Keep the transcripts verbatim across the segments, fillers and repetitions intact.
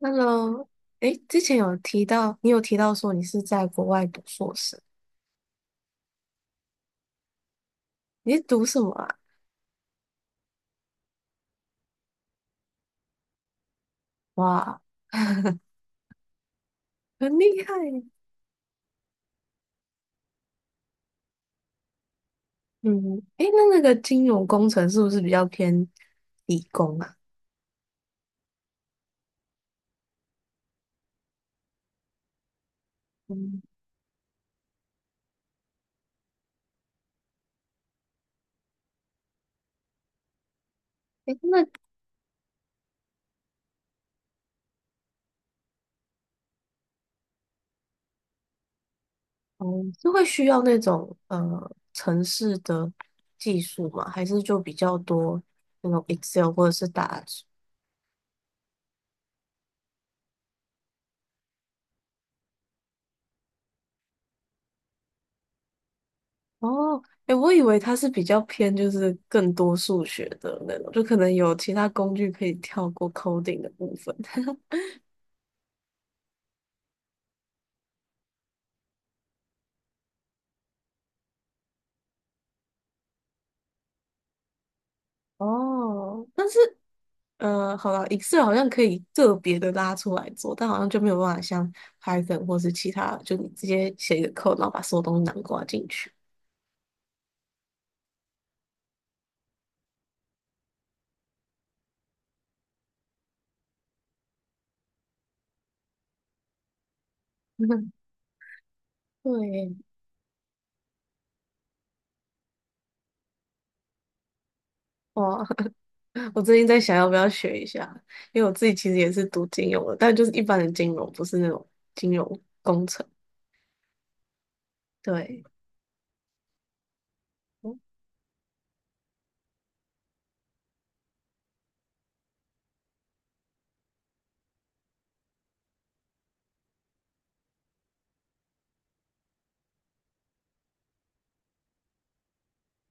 Hello，哎，之前有提到，你有提到说你是在国外读硕士，你是读什么啊？哇，很厉害耶。嗯，哎，那那个金融工程是不是比较偏理工啊？嗯，哎，那哦，是会需要那种呃城市的技术吗？还是就比较多那种 Excel 或者是打字？哦，哎，我以为它是比较偏就是更多数学的那种，就可能有其他工具可以跳过 coding 的部分。哦，但是呃，好了，Excel 好像可以个别的拉出来做，但好像就没有办法像 Python 或是其他，就你直接写一个 code，然后把所有东西囊括进去。对，哇，我最近在想要不要学一下，因为我自己其实也是读金融的，但就是一般的金融，不是那种金融工程。对，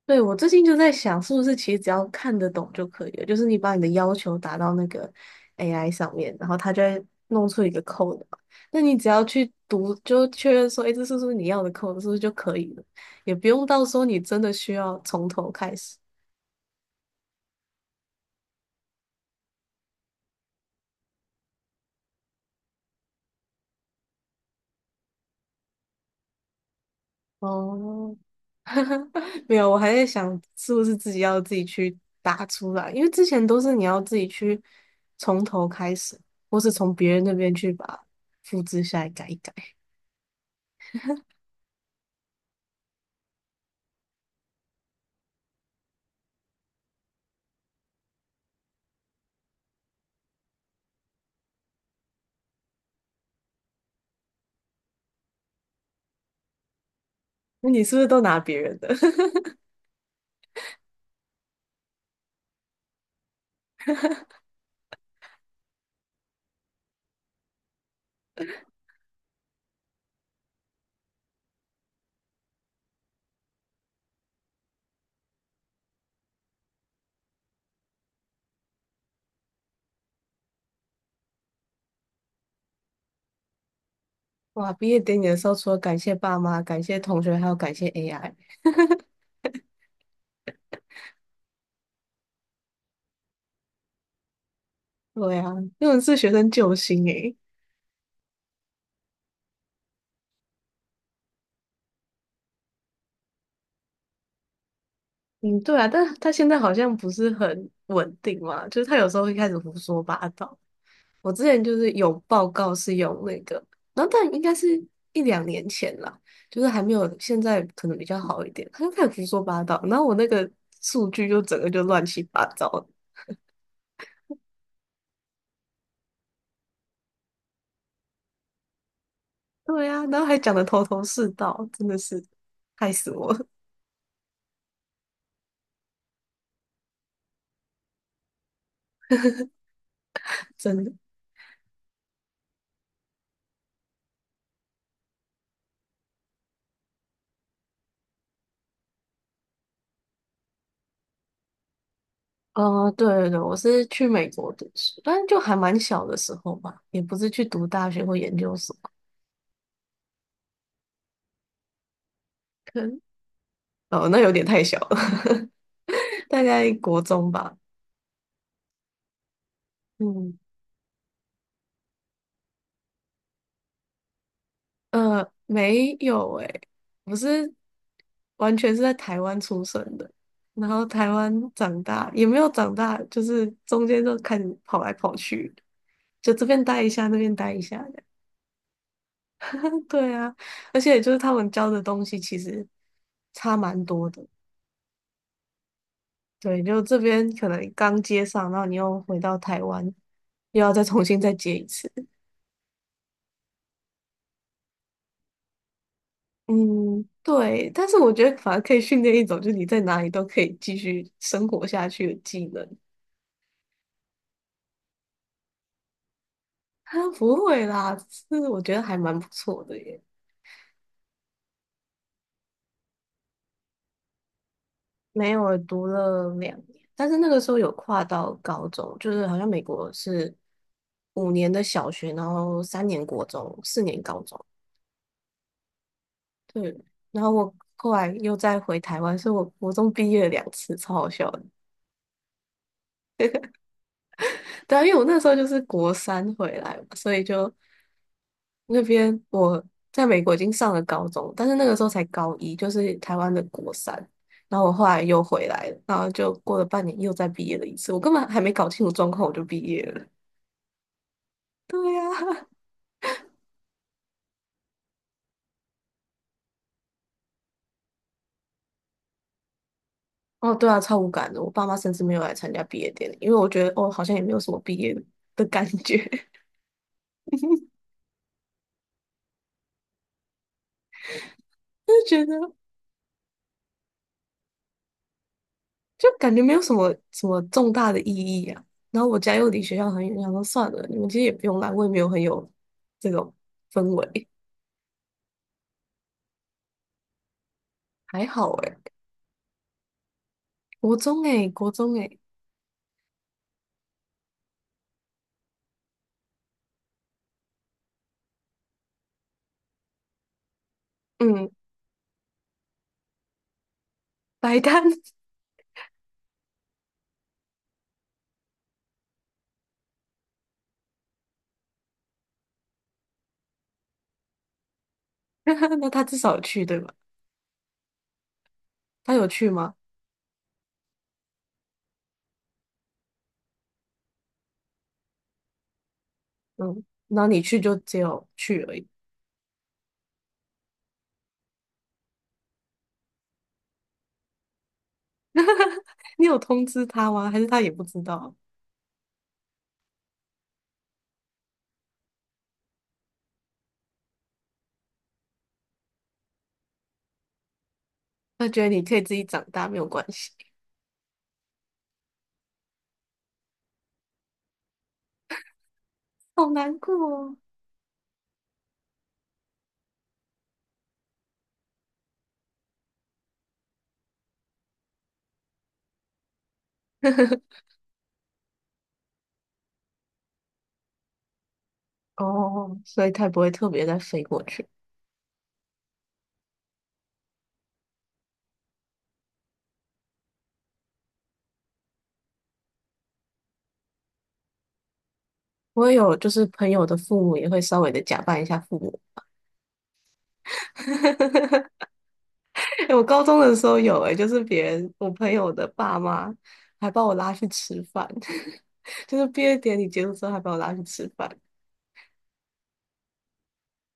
对，我最近就在想，是不是其实只要看得懂就可以了？就是你把你的要求打到那个 A I 上面，然后它就会弄出一个 code 嘛那你只要去读，就确认说，哎，这是不是你要的 code，是不是就可以了？也不用到时候你真的需要从头开始。哦，没有，我还在想是不是自己要自己去打出来，因为之前都是你要自己去从头开始，或是从别人那边去把复制下来改一改。那你是不是都拿别人的？哇，毕业典礼的时候，除了感谢爸妈、感谢同学，还有感谢 A I。对啊，那种是学生救星诶。嗯，对啊，但他现在好像不是很稳定嘛，就是他有时候会开始胡说八道。我之前就是有报告是用那个，然后但应该是一两年前啦，就是还没有现在可能比较好一点。他就开始胡说八道，然后我那个数据就整个就乱七八糟，对呀、然后还讲的头头是道，真的是害死我了，真的。呃，对对对，我是去美国读书，但是就还蛮小的时候吧，也不是去读大学或研究所，可能哦，那有点太小了，大概国中吧。嗯，呃，没有诶、我是完全是在台湾出生的，然后台湾长大，也没有长大，就是中间就看跑来跑去，就这边待一下，那边待一下。对啊，而且就是他们教的东西其实差蛮多的。对，就这边可能刚接上，然后你又回到台湾，又要再重新再接一次。嗯，对。但是我觉得反而可以训练一种，就是你在哪里都可以继续生活下去的技能。啊，不会啦，是我觉得还蛮不错的耶。没有，读了两年，但是那个时候有跨到高中，就是好像美国是五年的小学，然后三年国中，四年高中。对，然后我后来又再回台湾，所以我国中毕业了两次，超好笑的。对啊，因为我那时候就是国三回来嘛，所以就那边我在美国已经上了高中，但是那个时候才高一，就是台湾的国三。然后我后来又回来了，然后就过了半年又再毕业了一次，我根本还没搞清楚状况我就毕业了。对呀、哦对啊，超无感的。我爸妈甚至没有来参加毕业典礼，因为我觉得哦好像也没有什么毕业的感觉。就觉得就感觉没有什么什么重大的意义啊。然后我家又离学校很远，想说算了，你们其实也不用来，我也没有很有这种氛围，还好诶、国中诶、国中诶、嗯，白干，那他至少有去对吧？他有去吗？嗯，然后你去就只有去而已，你有通知他吗？还是他也不知道？他觉得你可以自己长大，没有关系，好难过哦。哦，所以他也不会特别再飞过去。我也有，就是朋友的父母也会稍微的假扮一下父母。欸我高中的时候有、诶，就是别人我朋友的爸妈还把我拉去吃饭，就是毕业典礼结束之后还把我拉去吃饭。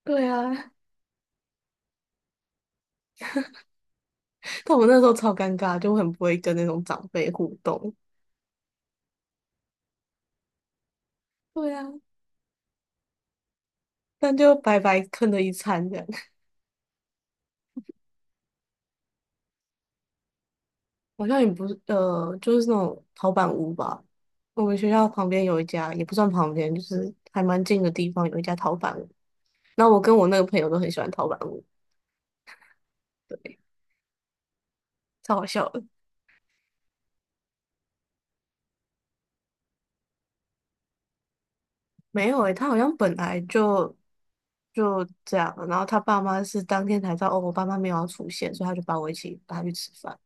对啊，但我那时候超尴尬，就很不会跟那种长辈互动。对啊，但就白白坑了一餐这样。好像也不是，呃，就是那种陶板屋吧。我们学校旁边有一家，也不算旁边，就是还蛮近的地方，有一家陶板那我跟我那个朋友都很喜欢陶板屋，对，超好笑的。没有诶、他好像本来就就这样了然后他爸妈是当天才知道哦，我爸妈没有要出现，所以他就把我一起带他去吃饭。